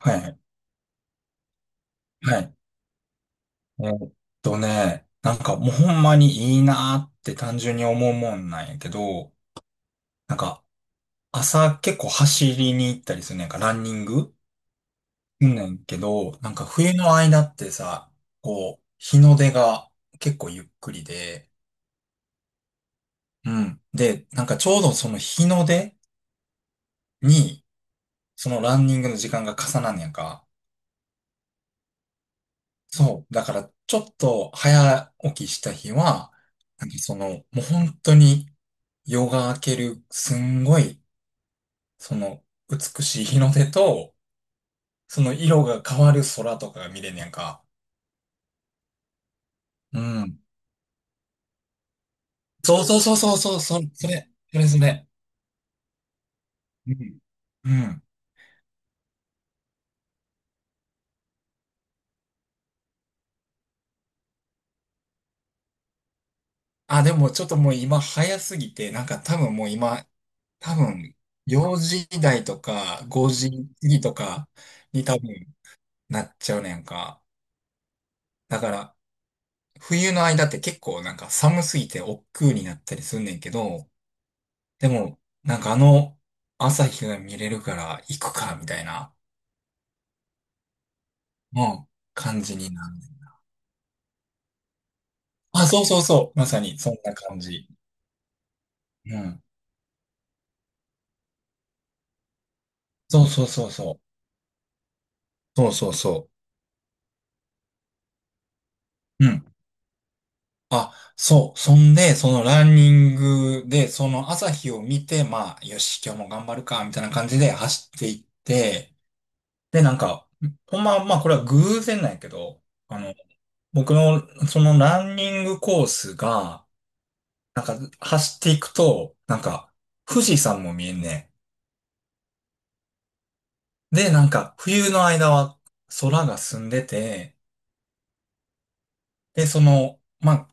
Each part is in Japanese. はい。はい。えーっね、なんかもうほんまにいいなーって単純に思うもんなんやけど、なんか朝結構走りに行ったりするねんか、ランニングうんねんけど、なんか冬の間ってさ、こう、日の出が結構ゆっくりで、うん。で、なんかちょうどその日の出に、そのランニングの時間が重なんねんか。そう。だから、ちょっと早起きした日は、なんかその、もう本当に夜が明ける、すんごい、その、美しい日の出と、その色が変わる空とかが見れんねやんか。うん。そうそうそうそうそう、それ、それ、それ、それ。うん。うん。あ、でもちょっともう今早すぎて、なんか多分もう今、多分4時台とか5時過ぎとかに多分なっちゃうねんか。だから、冬の間って結構なんか寒すぎて億劫になったりすんねんけど、でも、なんかあの朝日が見れるから行くか、みたいな、うん、感じになる。あ、そうそうそう。まさにそんな感じ。うん。そうそうそうそう。そうそうそう。うん。あ、そう。そんで、そのランニングで、その朝日を見て、まあ、よし、今日も頑張るか、みたいな感じで走っていって、で、なんか、ほんま、まあ、これは偶然なんやけど、あの僕の、そのランニングコースが、なんか走っていくと、なんか富士山も見えんねん。で、なんか冬の間は空が澄んでて、で、その、まあ、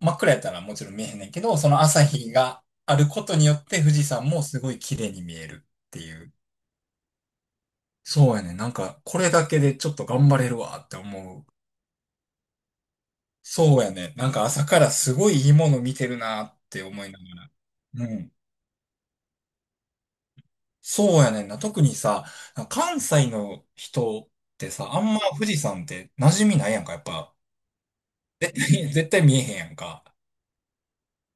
真っ暗やったらもちろん見えへんねんけど、その朝日があることによって富士山もすごい綺麗に見えるっていう。そうやね。なんかこれだけでちょっと頑張れるわって思う。そうやね。なんか朝からすごいいいもの見てるなって思いながら。うん。そうやねんな。特にさ、関西の人ってさ、あんま富士山って馴染みないやんか、やっぱ。絶対見えへんやんか。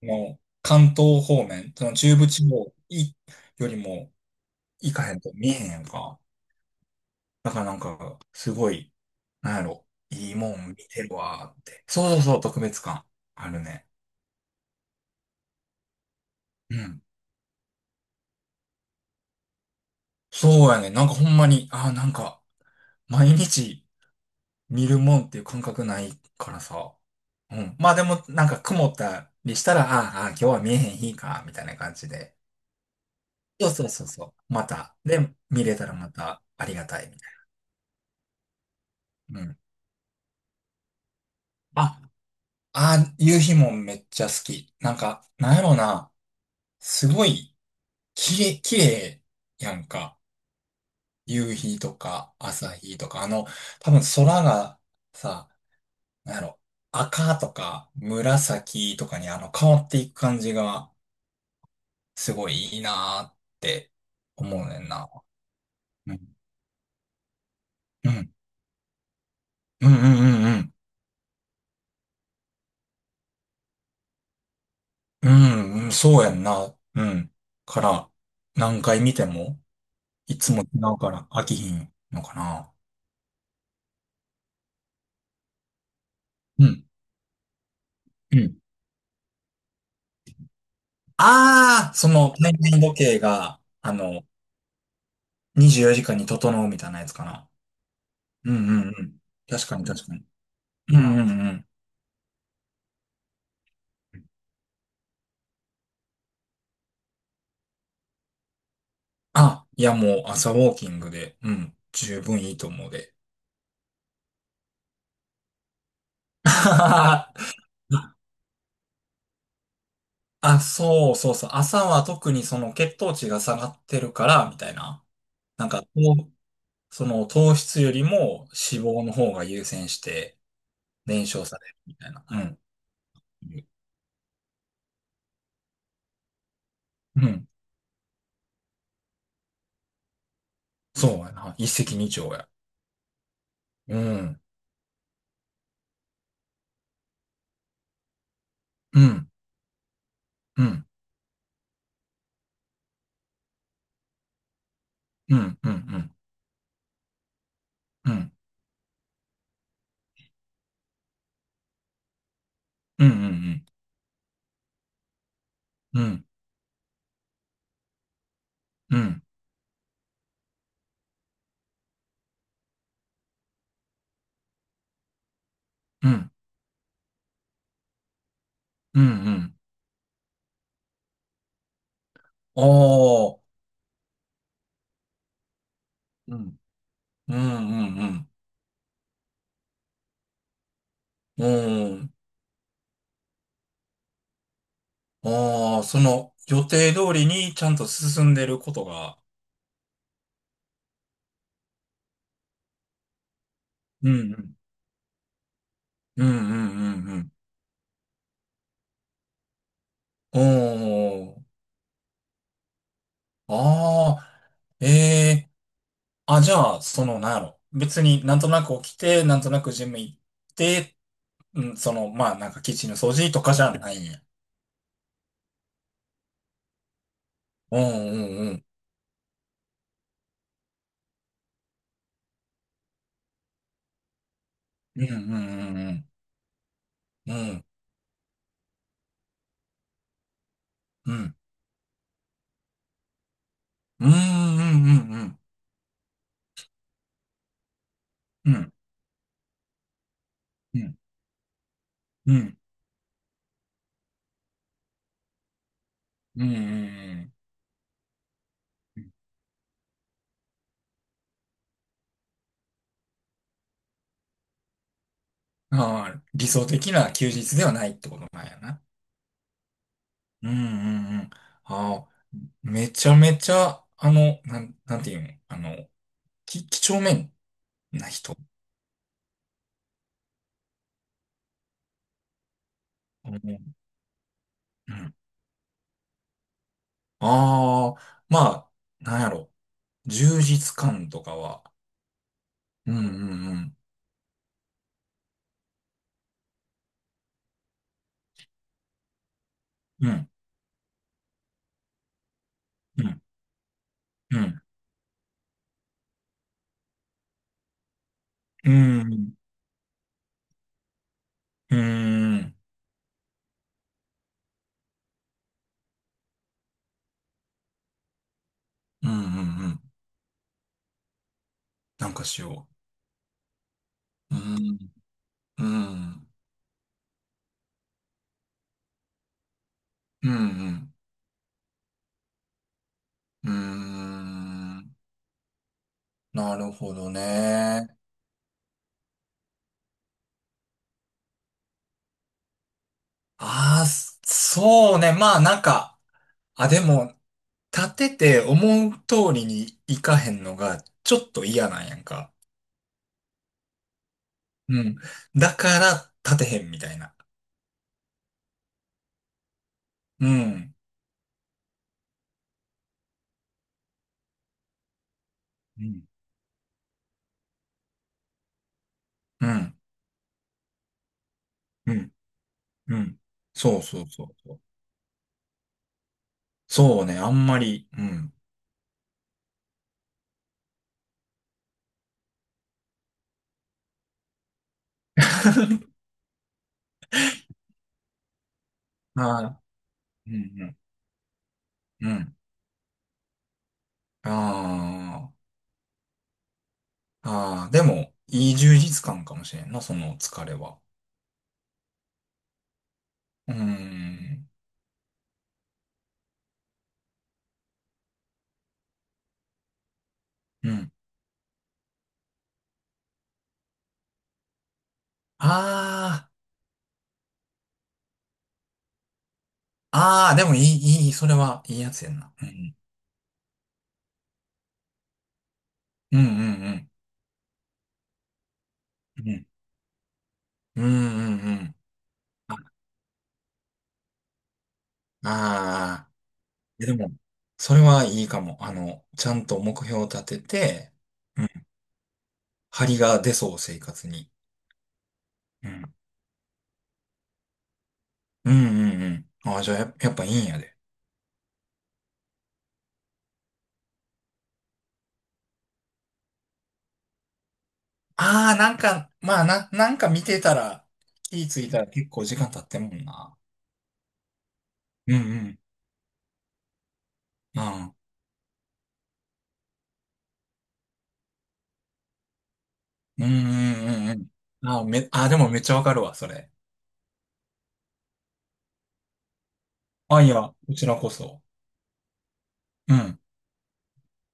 もう、関東方面、その中部地方いよりも行かへんと見えへんやんか。だからなんか、すごい、なんやろ、いいもん見てるわーって。そうそうそう、特別感あるね。うん。そうやねん。なんかほんまに、ああ、なんか、毎日、見るもんっていう感覚ないからさ。うん。まあでも、なんか曇ったりしたら、ああ、ああ今日は見えへん日か、みたいな感じで。そうそうそうそう。また。で、見れたらまたありがたい、みたいな。うん。あ、ああ、夕日もめっちゃ好き。なんか、なんやろな。すごい、きれいやんか。夕日とか、朝日とか、あの、多分空がさ、なんやろ、赤とか紫とかにあの変わっていく感じが、すごいいいなーって思うねんな。うん。うん。うんうんうんうん。うん、うんそうやんな。うん。から、何回見ても、いつも違うから飽きひんのかな。うん。うん。ああ、その、年々時計が、あの、24時間に整うみたいなやつかな。うんうんうん。確かに確かに。うんうんうん。あ、いやもう朝ウォーキングで、うん、十分いいと思うで。あ、そうそうそう。朝は特にその血糖値が下がってるから、みたいな。なんか、その糖質よりも脂肪の方が優先して燃焼されるみたいな。うん。うん。そうやな。一石二鳥や。うん。うん。うん。うん。うん。うん。うん。うん。うん。うん。うん。うん。うんああ。うん。うん。うん。うん。ああ、その予定通りにちゃんと進んでることが、うんうんうんうんうん。おー。ああ。えーあ、じゃあ、その、なんやろ。別になんとなく起きて、なんとなくジム行って、うん、その、まあ、なんかキッチンの掃除とかじゃないんや。うんうんうん。うんうんうんうん。うん。うんうんうんうん。うん。うん。うんうんうんうん。ああ、理想的な休日ではないってことなんやな。うんうんうん。ああ、めちゃめちゃ、あの、なんていうの、あの、き、几帳面な人。うん。うんああ、まあ、なんやろ。充実感とかは。うんうんうん。うん。うん。うん。うん。うん。うん。うん。うんなんかしよう。うん。うん。うん。うん。なるほどね。ああ、そうね。まあ、なんか、あ、でも、立てて思う通りにいかへんのが、ちょっと嫌なんやんか。うん。だから立てへんみたいな。うん。うん。うん。うん。うん。そうそうそうそう。そうね、あんまり。うん。あーうんうん。うん。ああ。ああ。でも、いい充実感かもしれんな、その疲れは。うん。うん。ああ。ああ、でもいい、いい、それはいいやつやんな。うん。うんうんうん。うん。うんうんうん。ああえでも、それはいいかも。あの、ちゃんと目標を立てて、うん。張りが出そう、生活に。うん。うんうんうん。ああ、じゃあや、やっぱいいんやで。ああ、なんか、まあな、なんか見てたら、気ぃついたら結構時間経ってんもんな。うんうん。ああ、うんうんうんうん。ああ、め、ああ、でもめっちゃわかるわ、それ。あ、いや、こちらこそ。うん。